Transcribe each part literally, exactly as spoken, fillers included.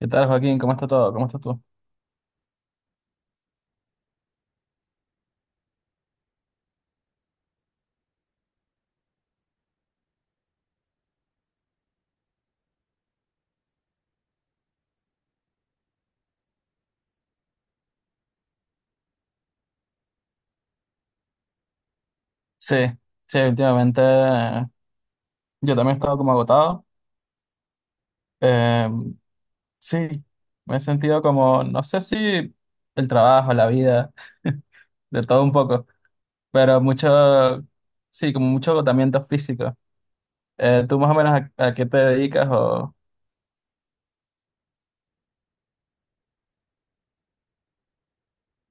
¿Qué tal, Joaquín? ¿Cómo está todo? ¿Cómo estás tú? Sí, sí, últimamente eh, yo también he estado como agotado. Eh, sí, me he sentido como, no sé si el trabajo, la vida, de todo un poco, pero mucho, sí, como mucho agotamiento físico. Eh, ¿tú más o menos a, a qué te dedicas? O...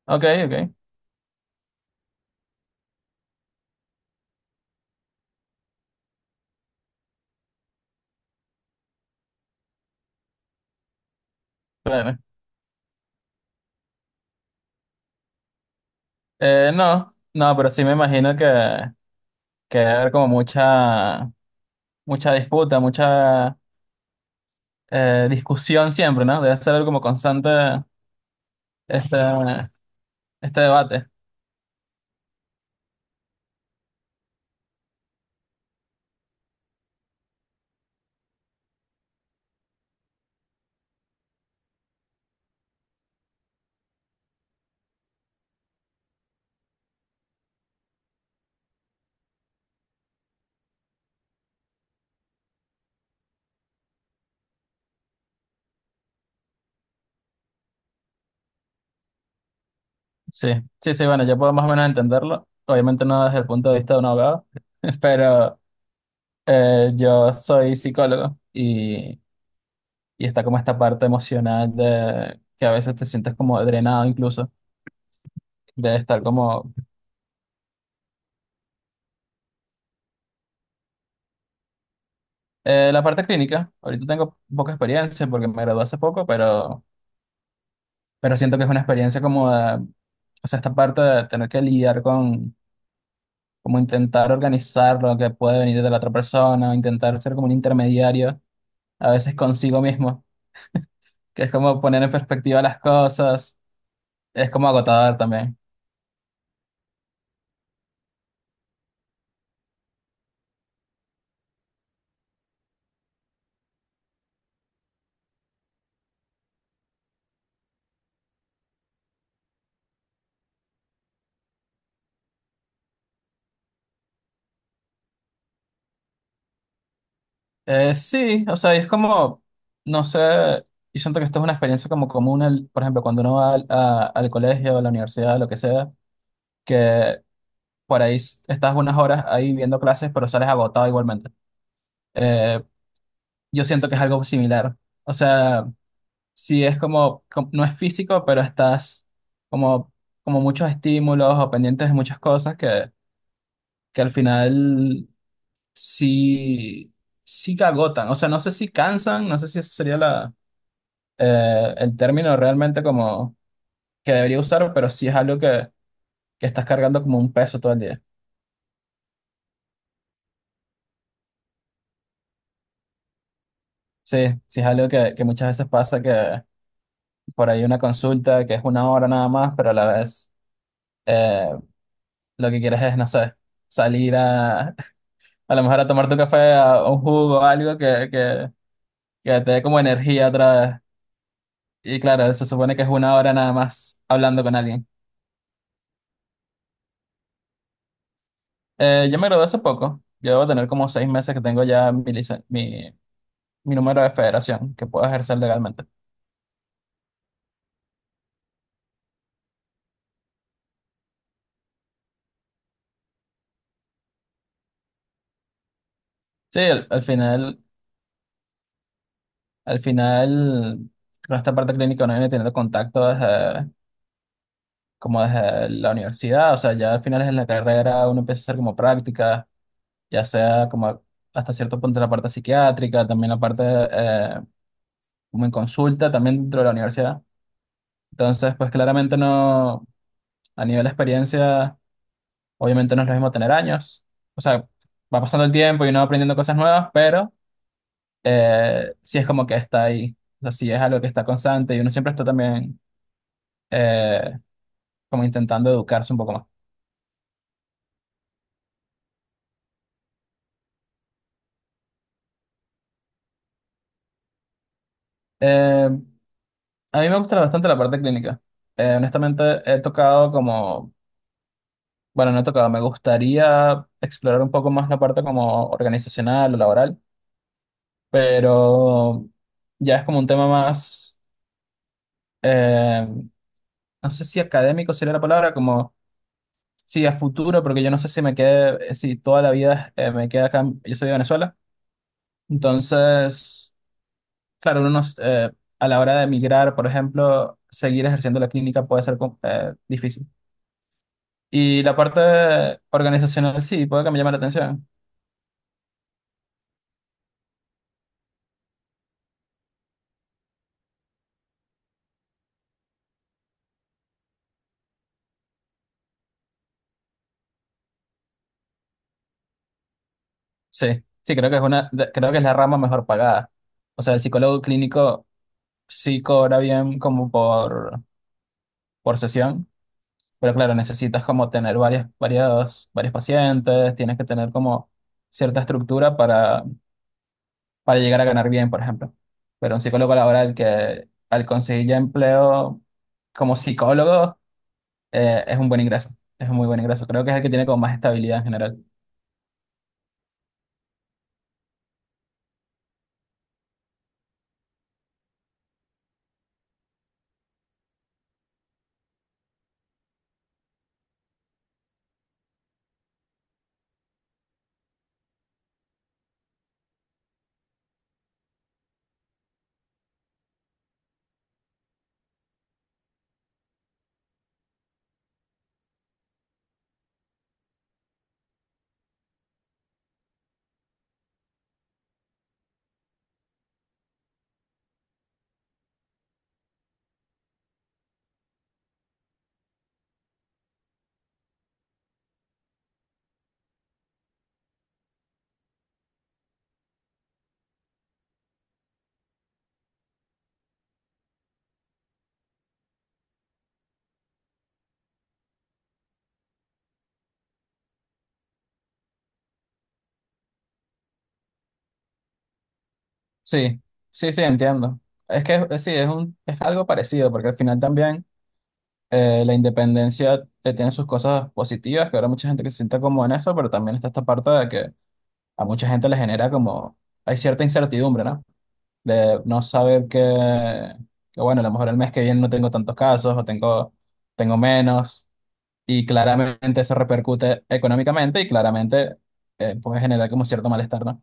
Ok, ok, bueno. Eh, no, no, pero sí me imagino que, que debe haber como mucha, mucha disputa, mucha eh, discusión siempre, ¿no? Debe ser algo como constante este, este debate. Sí, sí, sí, bueno, yo puedo más o menos entenderlo. Obviamente no desde el punto de vista de un abogado, pero eh, yo soy psicólogo y, y está como esta parte emocional de que a veces te sientes como drenado incluso, de estar como... eh, La parte clínica, ahorita tengo poca experiencia porque me gradué hace poco, pero, pero siento que es una experiencia como de, o sea, esta parte de tener que lidiar con, como intentar organizar lo que puede venir de la otra persona, o intentar ser como un intermediario a veces consigo mismo, que es como poner en perspectiva las cosas, es como agotador también. Eh, sí, o sea, y es como, no sé, yo siento que esto es una experiencia como común, al- por ejemplo, cuando uno va al, a- al colegio, a la universidad, lo que sea, que por ahí s- estás unas horas ahí viendo clases, pero sales agotado igualmente. Eh, yo siento que es algo similar. O sea, sí es como, com- no es físico, pero estás como, como muchos estímulos o pendientes de muchas cosas que que al final sí, sí que agotan. O sea, no sé si cansan, no sé si ese sería la, eh, el término realmente como que debería usar, pero sí es algo que, que estás cargando como un peso todo el día. Sí, sí es algo que, que muchas veces pasa que por ahí una consulta que es una hora nada más, pero a la vez eh, lo que quieres es, no sé, salir a, a lo mejor a tomar tu café, a un jugo o algo que, que, que te dé como energía otra vez. Y claro, se supone que es una hora nada más hablando con alguien. Eh, yo me gradué hace poco. Yo debo tener como seis meses que tengo ya mi, licen- mi, mi número de federación que puedo ejercer legalmente. Sí, al, al final, al final, con esta parte clínica uno viene teniendo contacto desde, como desde la universidad. O sea, ya al final en la carrera uno empieza a hacer como prácticas ya sea como hasta cierto punto la parte psiquiátrica, también la parte eh, como en consulta, también dentro de la universidad. Entonces, pues claramente no, a nivel de experiencia. Obviamente no es lo mismo tener años. O sea, va pasando el tiempo y uno va aprendiendo cosas nuevas, pero eh, sí es como que está ahí. O sea, sí es algo que está constante y uno siempre está también eh, como intentando educarse un poco más. Eh, a mí me gusta bastante la parte clínica. Eh, honestamente, he tocado como, bueno, no he tocado, me gustaría explorar un poco más la parte como organizacional o laboral, pero ya es como un tema más, eh, no sé si académico sería la palabra, como sí, a futuro, porque yo no sé si me quede, eh, si toda la vida eh, me queda acá, yo soy de Venezuela, entonces, claro, uno nos, eh, a la hora de emigrar, por ejemplo, seguir ejerciendo la clínica puede ser com- eh, difícil. Y la parte organizacional sí, puede que me llame la atención. Sí, sí, creo que es una, de- creo que es la rama mejor pagada. O sea, el psicólogo clínico sí cobra bien como por, por sesión. Pero claro, necesitas como tener varias, varias, varios pacientes, tienes que tener como cierta estructura para, para llegar a ganar bien, por ejemplo. Pero un psicólogo laboral que al conseguir ya empleo como psicólogo, eh, es un buen ingreso, es un muy buen ingreso. Creo que es el que tiene como más estabilidad en general. Sí, sí, sí, entiendo. Es que eh, sí, es un, es algo parecido, porque al final también eh, la independencia eh, tiene sus cosas positivas, que ahora mucha gente que se sienta como en eso, pero también está esta parte de que a mucha gente le genera como, hay cierta incertidumbre, ¿no? De no saber que, que, bueno, a lo mejor el mes que viene no tengo tantos casos o tengo, tengo menos y claramente eso repercute económicamente y claramente eh, puede generar como cierto malestar, ¿no?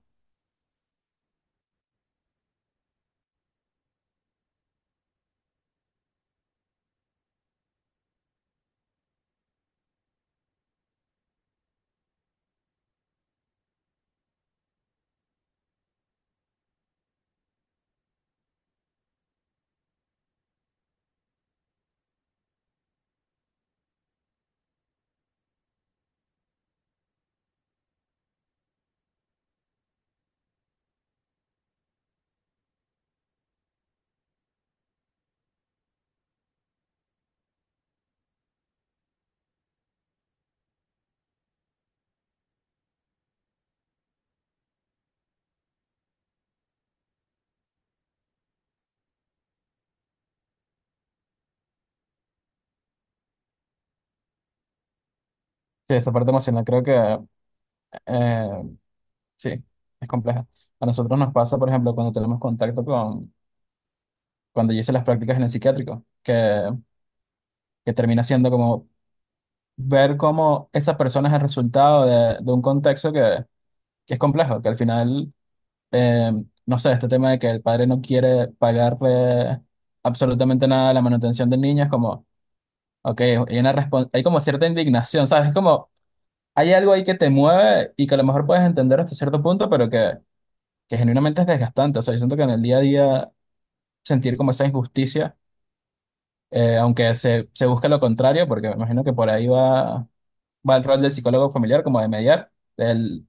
Sí, esa parte emocional creo que eh, sí, es compleja. A nosotros nos pasa, por ejemplo, cuando tenemos contacto con, cuando yo hice las prácticas en el psiquiátrico, que, que termina siendo como ver cómo esa persona es el resultado de, de un contexto que que es complejo, que al final, eh, no sé, este tema de que el padre no quiere pagarle absolutamente nada a la manutención del niño, es como, ok, hay una respon- hay como cierta indignación, ¿sabes? Es como, hay algo ahí que te mueve y que a lo mejor puedes entender hasta cierto punto, pero que, que genuinamente es desgastante. O sea, yo siento que en el día a día sentir como esa injusticia, eh, aunque se, se busque lo contrario, porque me imagino que por ahí va, va el rol del psicólogo familiar, como de mediar, del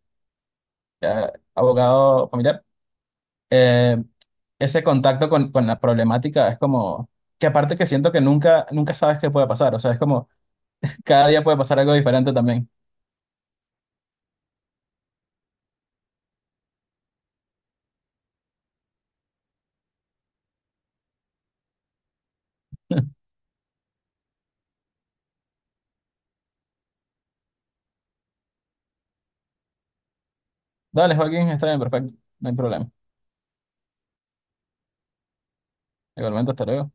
eh, abogado familiar. eh, Ese contacto con, con la problemática es como que aparte que siento que nunca, nunca sabes qué puede pasar. O sea, es como cada día puede pasar algo diferente también. Dale, Joaquín, está bien, perfecto. No hay problema. Igualmente, hasta luego.